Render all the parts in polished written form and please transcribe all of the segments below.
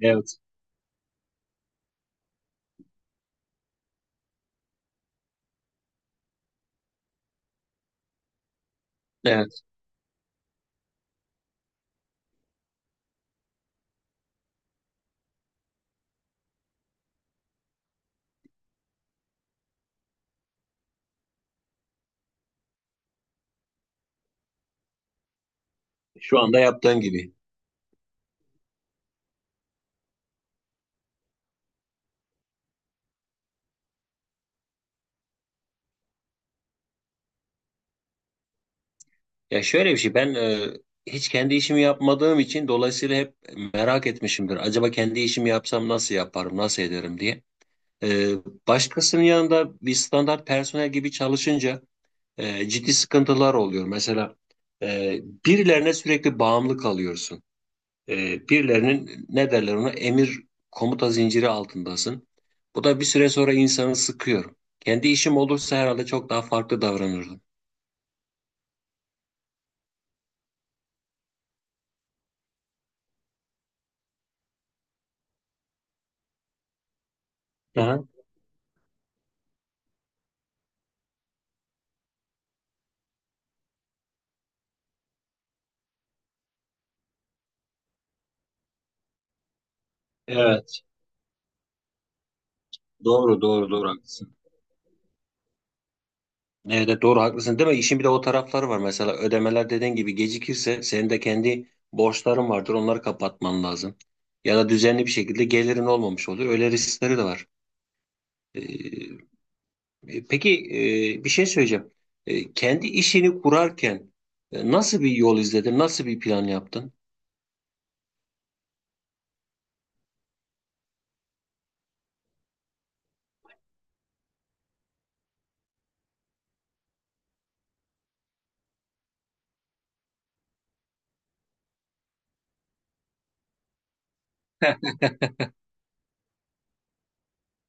Evet, evet. Şu anda yaptığın gibi. Ya şöyle bir şey, ben hiç kendi işimi yapmadığım için dolayısıyla hep merak etmişimdir. Acaba kendi işimi yapsam nasıl yaparım, nasıl ederim diye. E, başkasının yanında bir standart personel gibi çalışınca ciddi sıkıntılar oluyor. Mesela e, birilerine sürekli bağımlı kalıyorsun. Birilerinin ne derler ona emir komuta zinciri altındasın. Bu da bir süre sonra insanı sıkıyor. Kendi işim olursa herhalde çok daha farklı davranırdım. Aha, evet. Doğru doğru doğru, haklısın. Evet evet, doğru haklısın değil mi? İşin bir de o tarafları var. Mesela ödemeler dediğin gibi gecikirse senin de kendi borçların vardır. Onları kapatman lazım. Ya da düzenli bir şekilde gelirin olmamış olur. Öyle riskleri de var. Ee, peki, bir şey söyleyeceğim. Kendi işini kurarken nasıl bir yol izledin? Nasıl bir plan yaptın? Heh.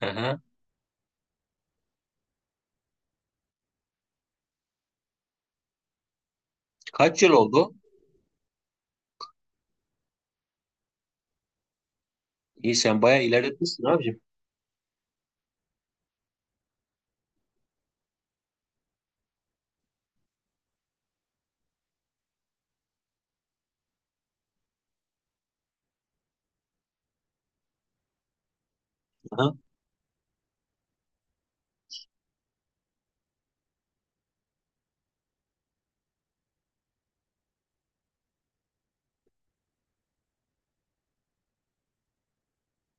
Aha. Kaç yıl oldu? İyi, sen bayağı ilerletmişsin abicim. Aha.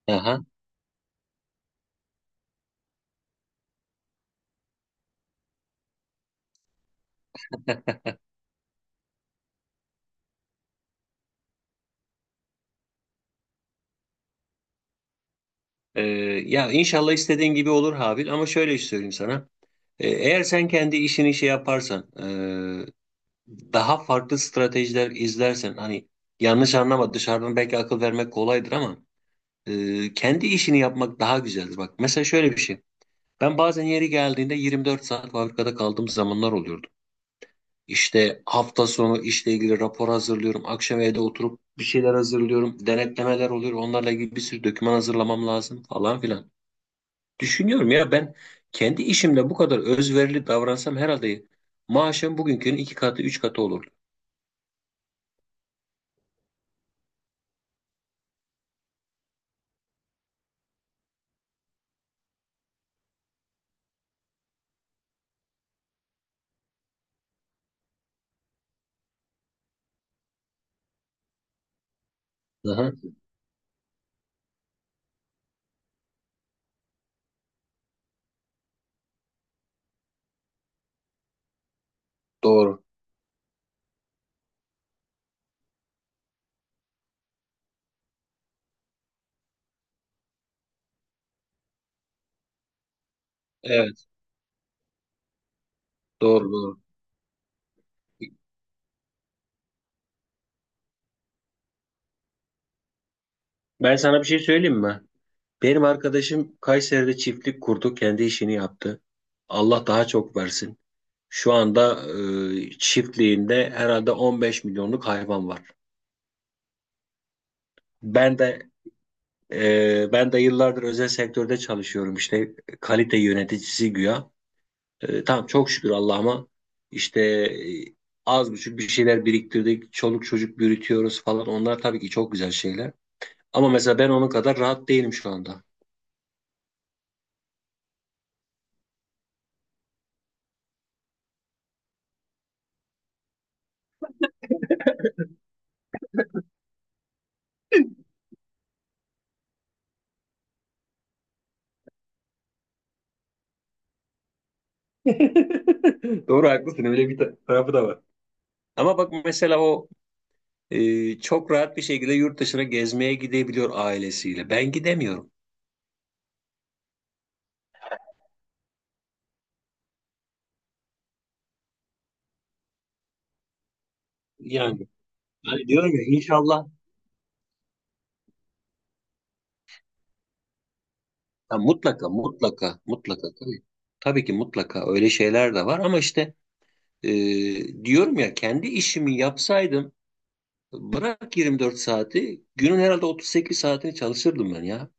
Aha. Ee, ya inşallah istediğin gibi olur Habil, ama şöyle söyleyeyim sana. Eğer sen kendi işini şey yaparsan, daha farklı stratejiler izlersen, hani yanlış anlama, dışarıdan belki akıl vermek kolaydır ama kendi işini yapmak daha güzeldir. Bak mesela şöyle bir şey. Ben bazen yeri geldiğinde 24 saat fabrikada kaldığım zamanlar oluyordu. İşte hafta sonu işle ilgili rapor hazırlıyorum. Akşam evde oturup bir şeyler hazırlıyorum. Denetlemeler oluyor. Onlarla ilgili bir sürü doküman hazırlamam lazım falan filan. Düşünüyorum ya, ben kendi işimde bu kadar özverili davransam herhalde maaşım bugünkünün iki katı, üç katı olurdu. Aha, doğru. Evet, doğru, doğru. Ben sana bir şey söyleyeyim mi? Benim arkadaşım Kayseri'de çiftlik kurdu, kendi işini yaptı. Allah daha çok versin. Şu anda çiftliğinde herhalde 15 milyonluk hayvan var. Ben de ben de yıllardır özel sektörde çalışıyorum işte, kalite yöneticisi güya. E, tamam, çok şükür Allah'ıma, işte az buçuk bir şeyler biriktirdik. Çoluk çocuk büyütüyoruz falan. Onlar tabii ki çok güzel şeyler. Ama mesela ben onun kadar rahat değilim şu anda. Doğru haklısın, öyle bir ta- tarafı da var. Ama bak mesela o çok rahat bir şekilde yurt dışına gezmeye gidebiliyor ailesiyle. Ben gidemiyorum. Yani, hani diyorum ya inşallah, ya mutlaka mutlaka mutlaka tabii, tabii ki mutlaka öyle şeyler de var ama işte Diyorum ya kendi işimi yapsaydım bırak 24 saati, günün herhalde 38 saatini çalışırdım ben ya.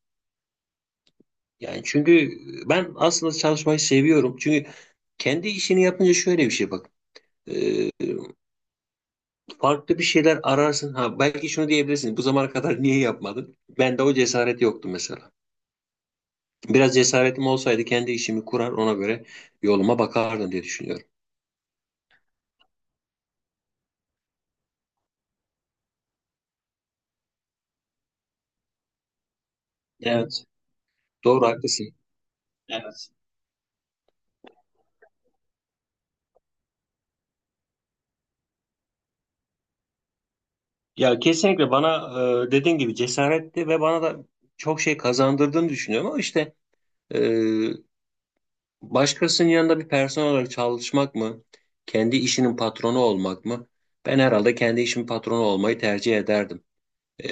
Yani çünkü ben aslında çalışmayı seviyorum. Çünkü kendi işini yapınca şöyle bir şey, bak. Ee, farklı bir şeyler ararsın. Ha, belki şunu diyebilirsin. Bu zamana kadar niye yapmadın? Bende o cesaret yoktu mesela. Biraz cesaretim olsaydı kendi işimi kurar, ona göre yoluma bakardım diye düşünüyorum. Evet. Doğru haklısın. Evet. Ya kesinlikle bana dediğin gibi cesaretti ve bana da çok şey kazandırdığını düşünüyorum, ama işte e, başkasının yanında bir personel olarak çalışmak mı, kendi işinin patronu olmak mı? Ben herhalde kendi işimin patronu olmayı tercih ederdim. E,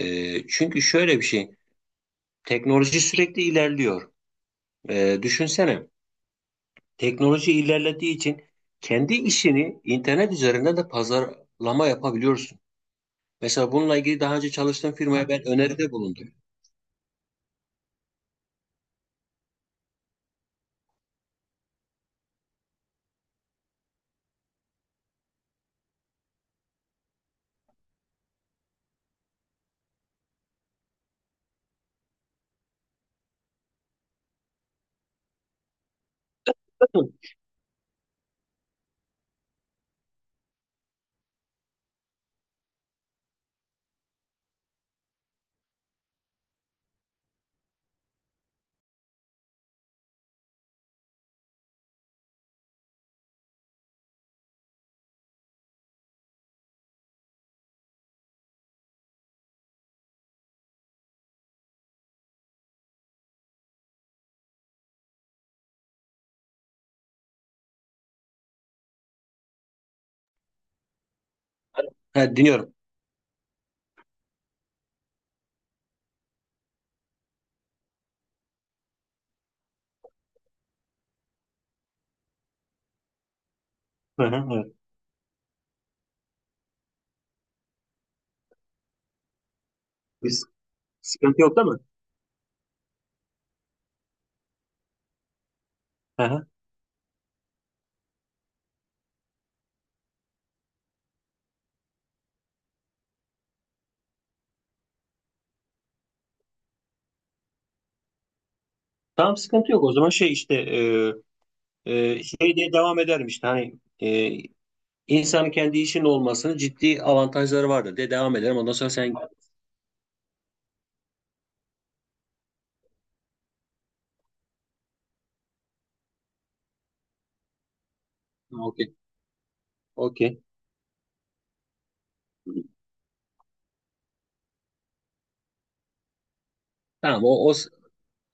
çünkü şöyle bir şey, teknoloji sürekli ilerliyor. Düşünsene, teknoloji ilerlediği için kendi işini internet üzerinden de pazarlama yapabiliyorsun. Mesela bununla ilgili daha önce çalıştığım firmaya ben öneride bulundum. Ha, dinliyorum. Hı hı, evet. Biz, sıkıntı yok değil mi? Hı hı. Tamam, sıkıntı yok. O zaman şey işte şey diye devam ederim işte hani insanın kendi işinin olmasının ciddi avantajları vardır diye devam ederim. Ondan sonra sen okey okey. Tamam, o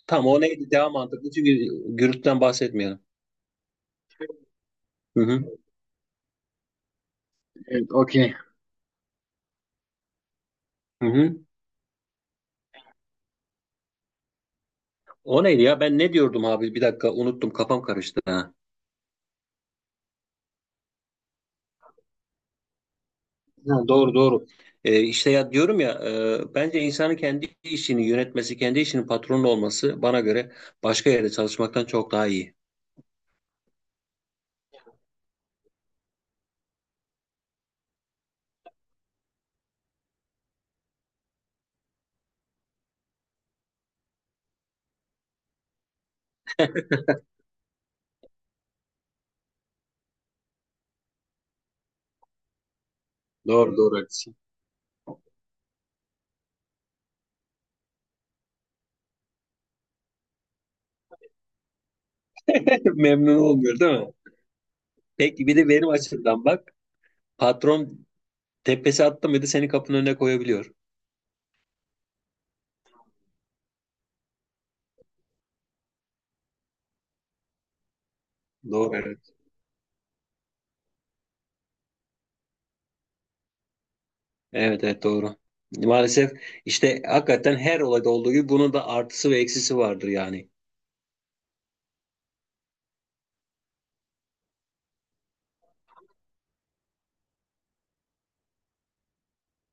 tamam, o neydi devam mantıklı, çünkü gürültüden bahsetmeyelim. Hı hı. Evet, okey. Hı hı. O neydi ya? Ben ne diyordum abi? Bir dakika unuttum. Kafam karıştı. Ha. Ha, doğru doğru. İşte ya diyorum ya bence insanın kendi işini yönetmesi, kendi işinin patronu olması bana göre başka yerde çalışmaktan çok daha iyi. Doğru doğru haklısın. Memnun olmuyor değil mi? Peki bir de benim açımdan bak. Patron tepesi attı mıydı seni kapının önüne koyabiliyor. Doğru, evet. Evet evet doğru. Maalesef işte hakikaten her olayda olduğu gibi bunun da artısı ve eksisi vardır yani.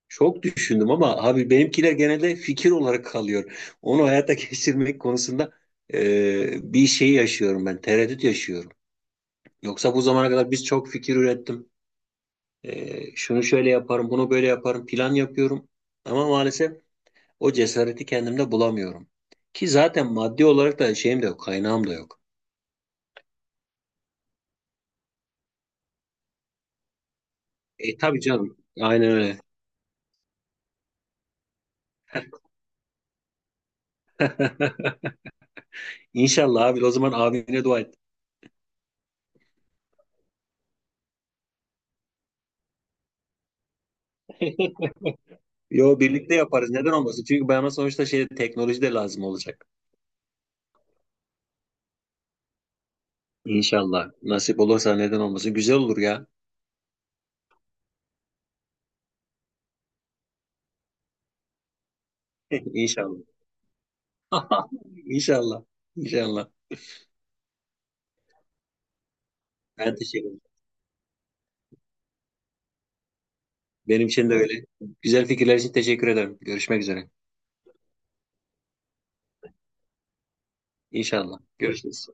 Çok düşündüm ama abi, benimkiler genelde fikir olarak kalıyor. Onu hayata geçirmek konusunda bir şey yaşıyorum ben, tereddüt yaşıyorum. Yoksa bu zamana kadar biz çok fikir ürettim. E, şunu şöyle yaparım, bunu böyle yaparım, plan yapıyorum. Ama maalesef o cesareti kendimde bulamıyorum. Ki zaten maddi olarak da şeyim de yok, kaynağım da yok. E tabii canım, aynen öyle. İnşallah abi, o zaman abine dua et. Yo, birlikte yaparız, neden olmasın? Çünkü bana sonuçta şey, teknoloji de lazım olacak. İnşallah. Nasip olursa neden olmasın. Güzel olur ya. İnşallah. İnşallah. İnşallah. Ben teşekkür ederim. Benim için de öyle. Güzel fikirler için teşekkür ederim. Görüşmek üzere. İnşallah. Görüşürüz.